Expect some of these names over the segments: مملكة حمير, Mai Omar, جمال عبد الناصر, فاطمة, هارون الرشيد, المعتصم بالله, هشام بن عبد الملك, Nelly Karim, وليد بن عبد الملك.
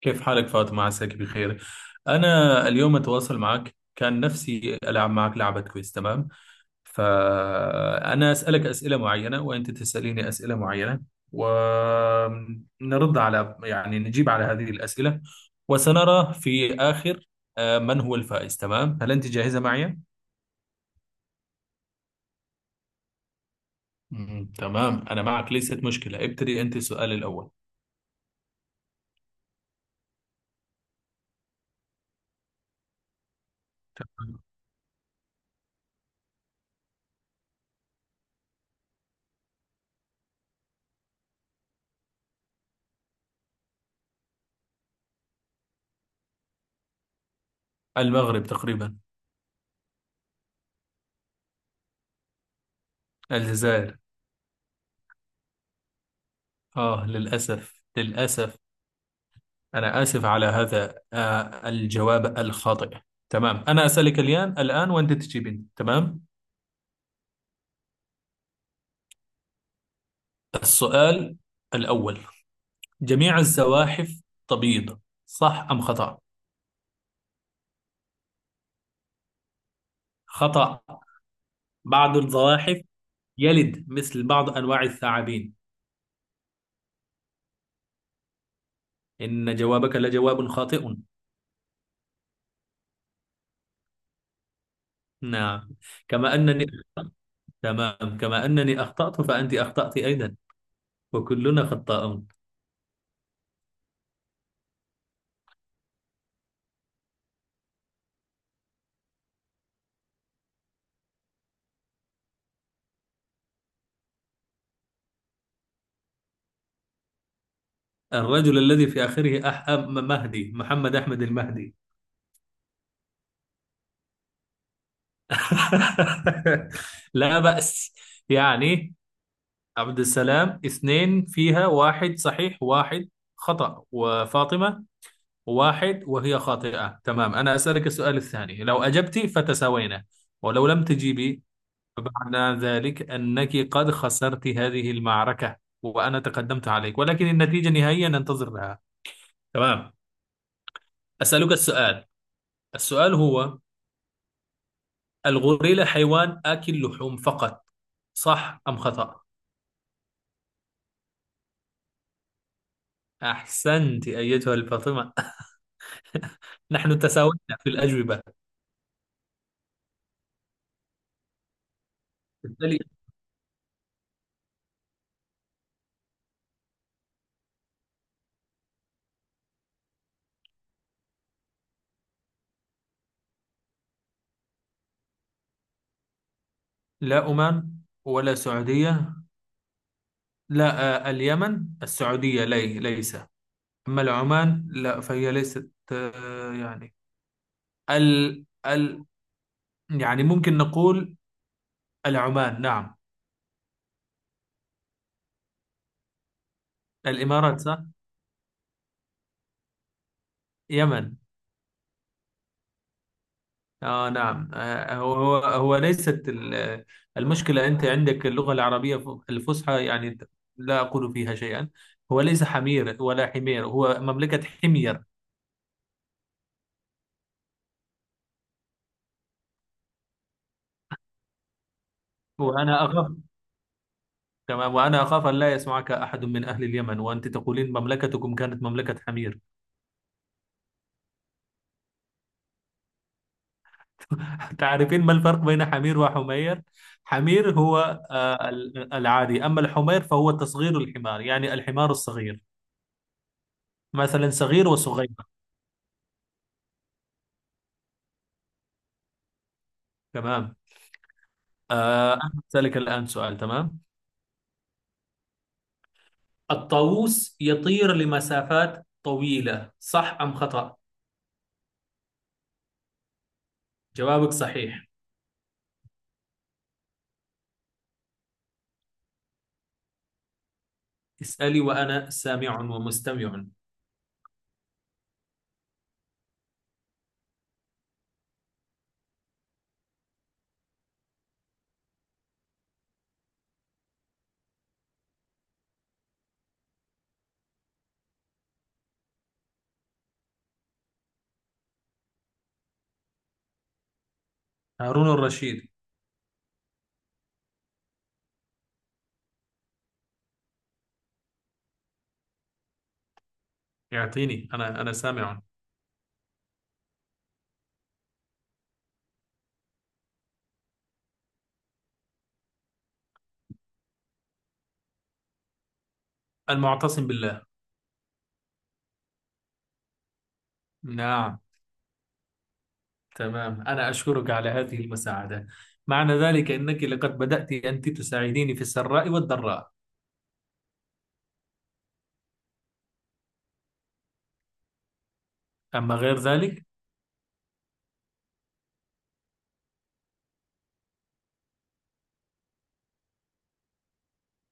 كيف حالك فاطمة؟ عساك بخير. أنا اليوم أتواصل معك، كان نفسي ألعب معك لعبة. كويس؟ تمام. فأنا أسألك أسئلة معينة وأنت تسأليني أسئلة معينة، ونرد على، يعني نجيب على هذه الأسئلة، وسنرى في آخر من هو الفائز. تمام. هل أنت جاهزة معي؟ تمام، أنا معك، ليست مشكلة. ابتدي أنت السؤال الأول. المغرب تقريبا. الجزائر. للأسف، للأسف. أنا آسف على هذا الجواب الخاطئ. تمام، أنا أسألك الآن وأنت تجيبين. تمام. السؤال الأول: جميع الزواحف تبيض، صح أم خطأ؟ خطأ. بعض الزواحف يلد مثل بعض أنواع الثعابين. إن جوابك لجواب خاطئ. نعم. كما أنني تمام. كما أنني أخطأت، فأنت أخطأت أيضا، وكلنا خطاؤون. الرجل الذي في آخره مهدي، محمد أحمد المهدي. لا بأس، يعني عبد السلام اثنين، فيها واحد صحيح واحد خطأ، وفاطمة واحد وهي خاطئة. تمام، أنا أسألك السؤال الثاني، لو أجبتي فتساوينا، ولو لم تجيبي فمعنى ذلك أنك قد خسرت هذه المعركة وأنا تقدمت عليك، ولكن النتيجة نهائيا ننتظر لها. تمام. أسألك السؤال هو: الغوريلا حيوان آكل لحوم فقط، صح أم خطأ؟ أحسنت أيتها الفاطمة. نحن تساوينا في الأجوبة. بالتالي، لا عمان ولا سعودية. لا، اليمن السعودية لي ليس. أما العمان لا فهي ليست، يعني ال يعني ممكن نقول العمان. نعم. الإمارات صح. يمن. اه نعم، هو ليست المشكلة، أنت عندك اللغة العربية الفصحى، يعني لا أقول فيها شيئا. هو ليس حمير ولا حمير، هو مملكة حمير. وأنا أخاف كما وأنا أخاف أن لا يسمعك أحد من أهل اليمن وأنت تقولين مملكتكم كانت مملكة حمير. تعرفين ما الفرق بين حمير وحمير؟ حمير هو العادي، أما الحمير فهو تصغير الحمار، يعني الحمار الصغير، مثلا صغير وصغير. تمام. أنا أسألك الآن سؤال. تمام. الطاووس يطير لمسافات طويلة، صح أم خطأ؟ جوابك صحيح. اسألي وأنا سامع ومستمع. هارون الرشيد. يعطيني، أنا سامع. المعتصم بالله. نعم. تمام، أنا أشكرك على هذه المساعدة. معنى ذلك أنك لقد بدأت أنت تساعديني في السراء والضراء. أما غير ذلك.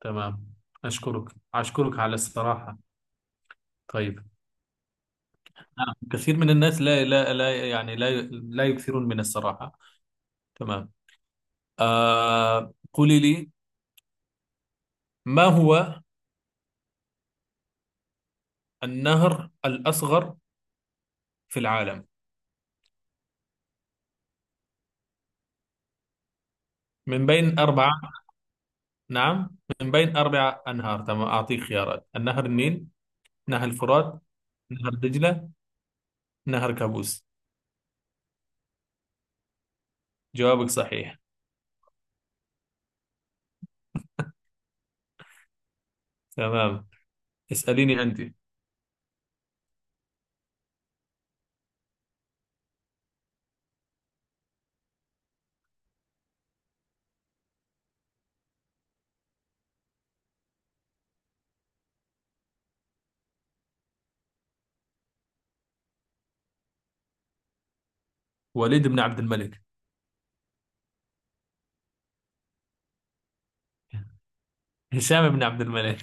تمام، أشكرك على الصراحة. طيب. نعم، كثير من الناس لا يعني لا يكثرون من الصراحة. تمام. قولي لي، ما هو النهر الأصغر في العالم؟ من بين أربعة. نعم، من بين أربع أنهار. تمام، أعطيك خيارات: النهر النيل، نهر الفرات، نهر دجلة، نهر كابوس. جوابك صحيح. تمام. اسأليني أنت. وليد بن عبد الملك. هشام بن عبد الملك.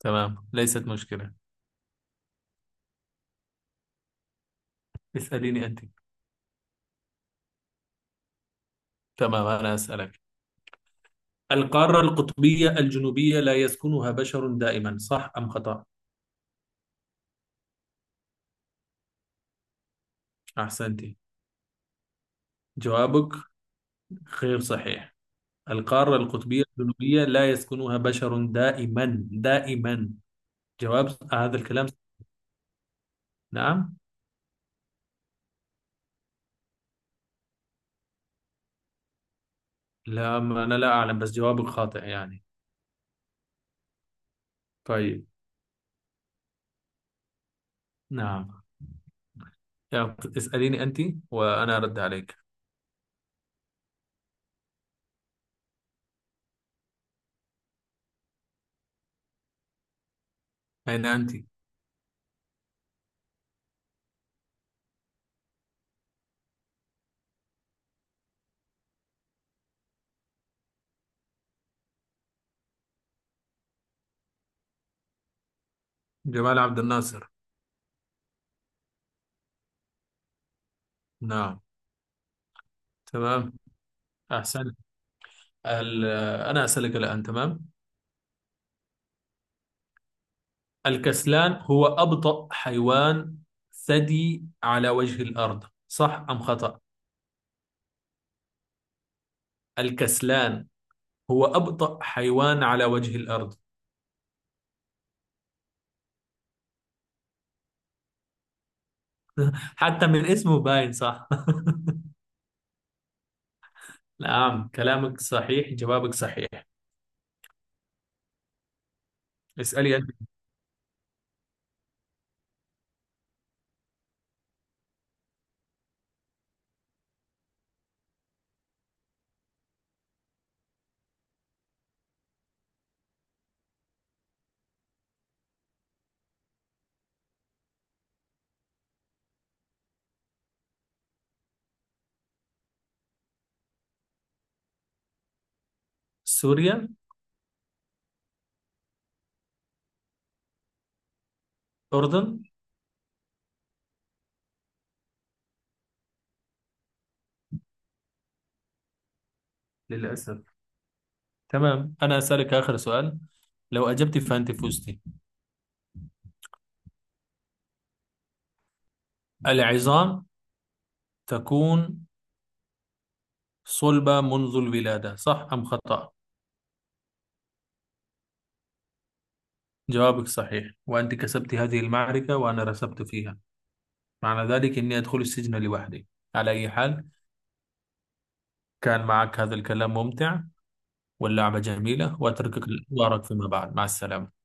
تمام، ليست مشكلة. اسأليني أنت. تمام، أنا أسألك: القارة القطبية الجنوبية لا يسكنها بشر دائما، صح أم خطأ؟ أحسنت. جوابك غير صحيح. القارة القطبية الجنوبية لا يسكنها بشر دائما دائما. جواب هذا الكلام. نعم. لا، ما أنا لا أعلم، بس جوابك خاطئ يعني. طيب. نعم. يلا، اسأليني أنت وأنا أرد عليك. أين أنت؟ جمال عبد الناصر. نعم. تمام. أحسن ال- أنا أسألك الآن. تمام. الكسلان هو أبطأ حيوان ثدي على وجه الأرض، صح أم خطأ؟ الكسلان هو أبطأ حيوان على وجه الأرض. حتى من اسمه باين صح. نعم، كلامك صحيح، جوابك صحيح. اسألي أنت. سوريا. أردن. للأسف. تمام، أنا أسألك آخر سؤال، لو أجبت فأنت فزتي. العظام تكون صلبة منذ الولادة، صح أم خطأ؟ جوابك صحيح، وأنت كسبت هذه المعركة وأنا رسبت فيها. معنى ذلك إني أدخل السجن لوحدي. على أي حال، كان معك هذا الكلام ممتع واللعبة جميلة، وأتركك لأخبارك فيما بعد. مع السلامة.